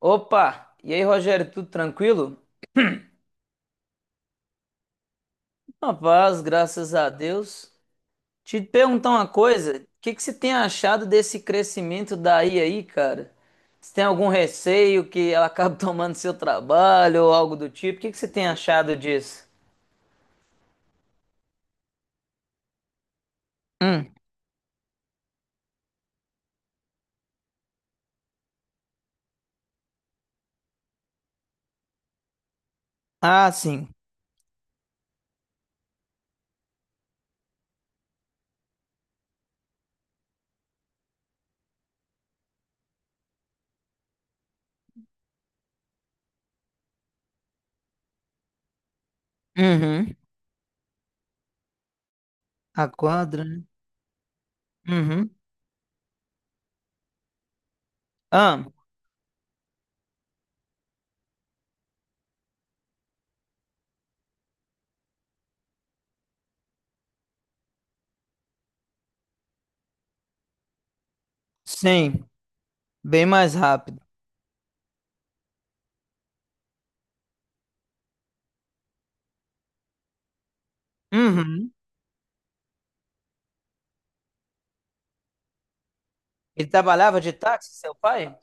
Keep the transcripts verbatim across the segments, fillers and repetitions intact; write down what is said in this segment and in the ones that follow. Opa! E aí, Rogério, tudo tranquilo? Rapaz, graças a Deus. Te perguntar uma coisa, o que que você tem achado desse crescimento da I A aí, cara? Você tem algum receio que ela acabe tomando seu trabalho ou algo do tipo? O que que você tem achado disso? Hum. Ah, sim. Uhum. A quadra, né? Uhum. Ah, sim. Bem mais rápido. Uhum. Ele trabalhava de táxi, seu pai?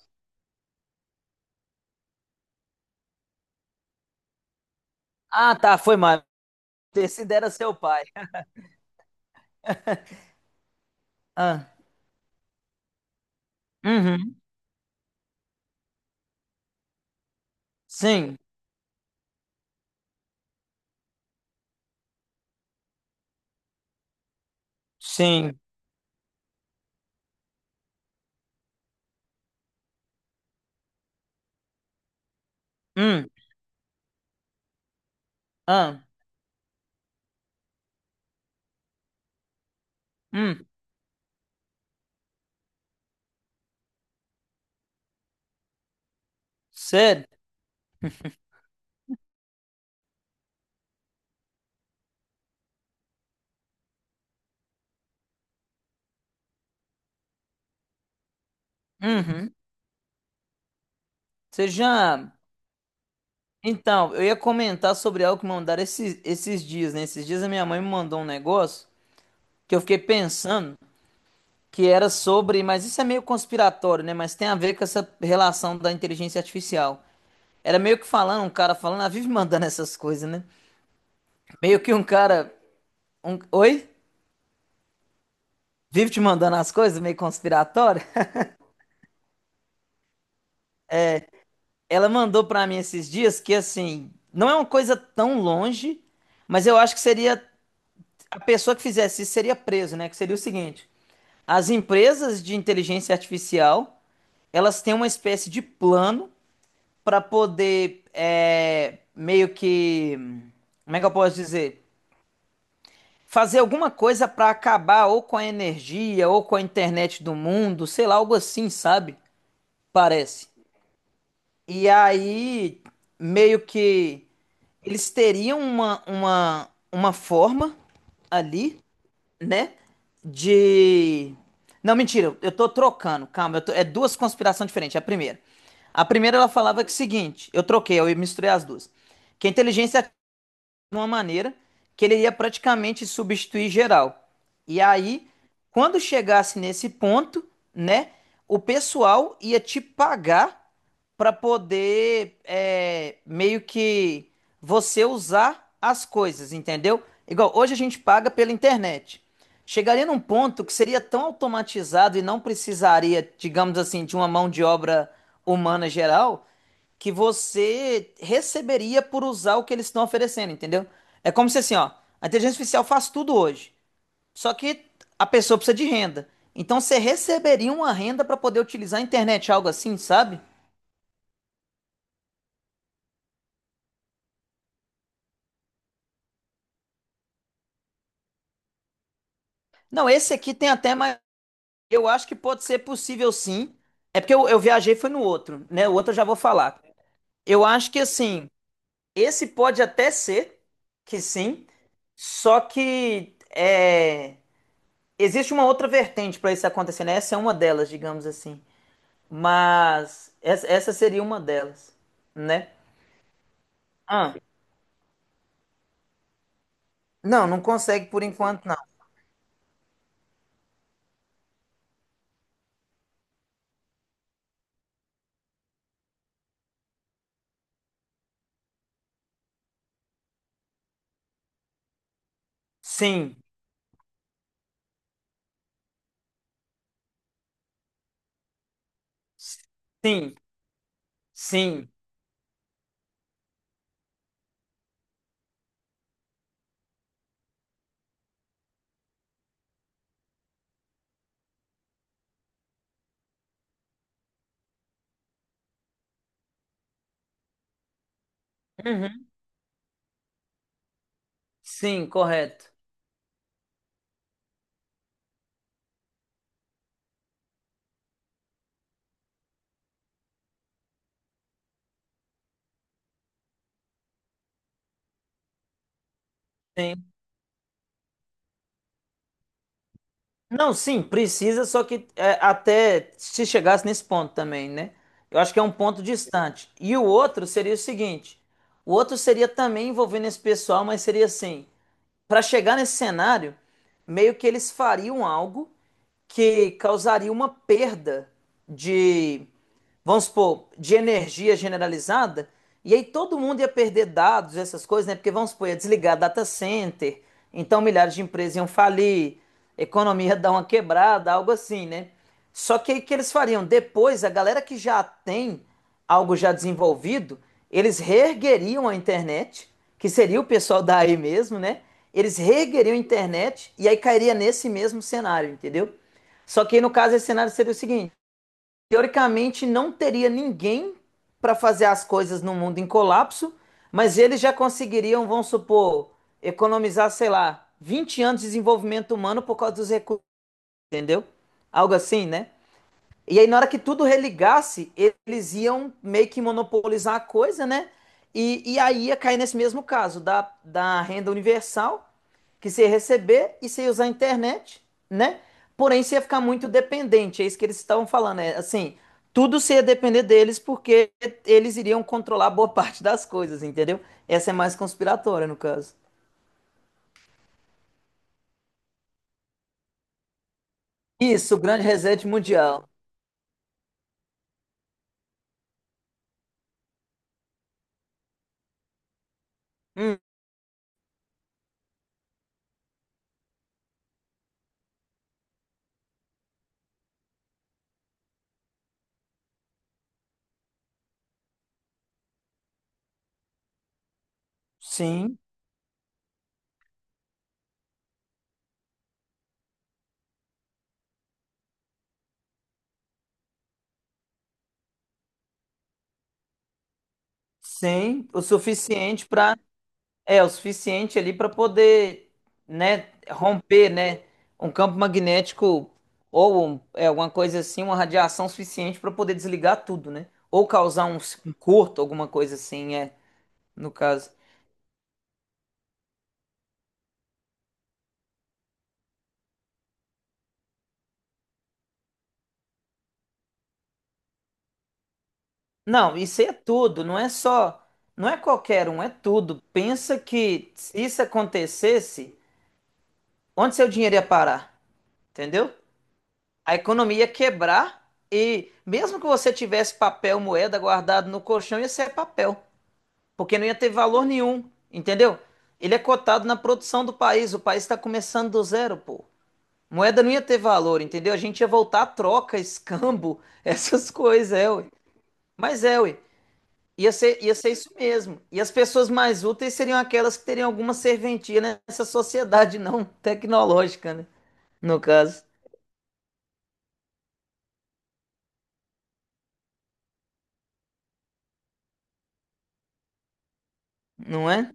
Ah, tá, foi mal. Esse era seu pai. Ah. Uhum. Sim, sim. Hum, ah, hum, sério? Uhum. Você já. Então, eu ia comentar sobre algo que me mandaram esses, esses dias, né? Esses dias a minha mãe me mandou um negócio que eu fiquei pensando que era sobre. Mas isso é meio conspiratório, né? Mas tem a ver com essa relação da inteligência artificial. Era meio que falando, um cara falando, ah, vive mandando essas coisas, né? Meio que um cara. Um, oi? Vive te mandando as coisas, meio conspiratório? Ela mandou pra mim esses dias que, assim, não é uma coisa tão longe, mas eu acho que seria a pessoa que fizesse isso seria preso, né? Que seria o seguinte: as empresas de inteligência artificial, elas têm uma espécie de plano para poder é, meio que, como é que eu posso dizer? Fazer alguma coisa para acabar ou com a energia ou com a internet do mundo, sei lá, algo assim, sabe? Parece. E aí, meio que eles teriam uma, uma, uma forma ali, né? De. Não, mentira, eu tô trocando, calma, eu tô- é duas conspirações diferentes. É a primeira. A primeira ela falava que é o seguinte, eu troquei, eu misturei as duas. Que a inteligência de uma maneira que ele ia praticamente substituir geral. E aí, quando chegasse nesse ponto, né, o pessoal ia te pagar para poder é, meio que você usar as coisas, entendeu? Igual hoje a gente paga pela internet. Chegaria num ponto que seria tão automatizado e não precisaria, digamos assim, de uma mão de obra humana geral, que você receberia por usar o que eles estão oferecendo, entendeu? É como se assim, ó, a inteligência artificial faz tudo hoje, só que a pessoa precisa de renda. Então você receberia uma renda para poder utilizar a internet, algo assim, sabe? Não, esse aqui tem até mais. Eu acho que pode ser possível, sim. É porque eu, eu viajei foi no outro, né? O outro eu já vou falar. Eu acho que assim, esse pode até ser que sim, só que é existe uma outra vertente para isso acontecer, né? Essa é uma delas, digamos assim. Mas essa essa seria uma delas, né? Ah, não, não consegue por enquanto, não. Sim, sim, sim, uhum, sim, correto. Sim. Não, sim, precisa, só que é, até se chegasse nesse ponto também, né? Eu acho que é um ponto distante. E o outro seria o seguinte: o outro seria também envolvendo esse pessoal, mas seria assim. Para chegar nesse cenário, meio que eles fariam algo que causaria uma perda de, vamos supor, de energia generalizada, e aí todo mundo ia perder dados, essas coisas, né? Porque vamos supor, ia desligar data center, então milhares de empresas iam falir, economia ia dar uma quebrada, algo assim, né? Só que aí o que eles fariam? Depois, a galera que já tem algo já desenvolvido, eles reergueriam a internet, que seria o pessoal daí mesmo, né? Eles reergueriam a internet e aí cairia nesse mesmo cenário, entendeu? Só que aí, no caso, esse cenário seria o seguinte: teoricamente não teria ninguém para fazer as coisas no mundo em colapso, mas eles já conseguiriam, vamos supor, economizar, sei lá, vinte anos de desenvolvimento humano por causa dos recursos, entendeu? Algo assim, né? E aí, na hora que tudo religasse, eles iam meio que monopolizar a coisa, né? E, e aí ia cair nesse mesmo caso da, da renda universal, que você ia receber e você ia usar a internet, né? Porém, você ia ficar muito dependente. É isso que eles estavam falando, é assim, tudo você ia depender deles porque eles iriam controlar boa parte das coisas, entendeu? Essa é mais conspiratória, no caso. Isso, o grande reset mundial. Hum, sim, sim, o suficiente para é o suficiente ali para poder, né, romper, né, um campo magnético ou um- é, alguma coisa assim, uma radiação suficiente para poder desligar tudo, né? Ou causar um, s- um curto, alguma coisa assim, é, no caso. Não, isso aí é tudo, não é só, não é qualquer um, é tudo. Pensa que se isso acontecesse, onde seu dinheiro ia parar? Entendeu? A economia ia quebrar e mesmo que você tivesse papel, moeda guardado no colchão, ia ser papel, porque não ia ter valor nenhum, entendeu? Ele é cotado na produção do país, o país está começando do zero, pô. Moeda não ia ter valor, entendeu? A gente ia voltar à troca, escambo, essas coisas, é, ué. Mas é, ué. Ia ser, ia ser isso mesmo. E as pessoas mais úteis seriam aquelas que teriam alguma serventia nessa sociedade não tecnológica, né? No caso, não é?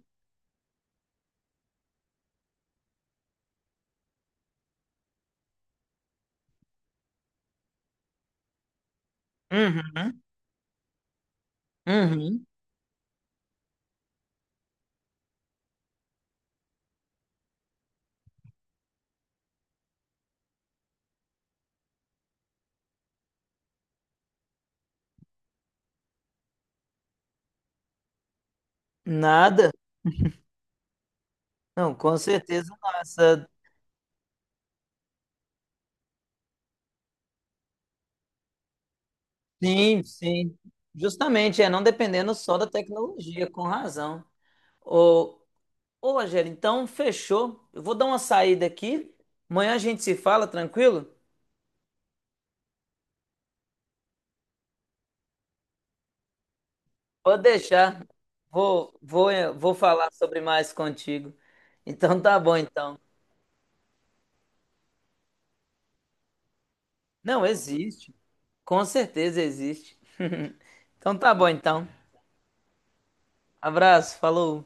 Uhum, uhum. Nada. Não, com certeza não. Essa sim, sim. Justamente, é não dependendo só da tecnologia, com razão. Ô, ô, Angela, então fechou. Eu vou dar uma saída aqui. Amanhã a gente se fala, tranquilo? Pode deixar. Vou, vou, eh, vou falar sobre mais contigo. Então tá bom, então. Não, existe. Com certeza existe. Então tá bom, então. Abraço, falou.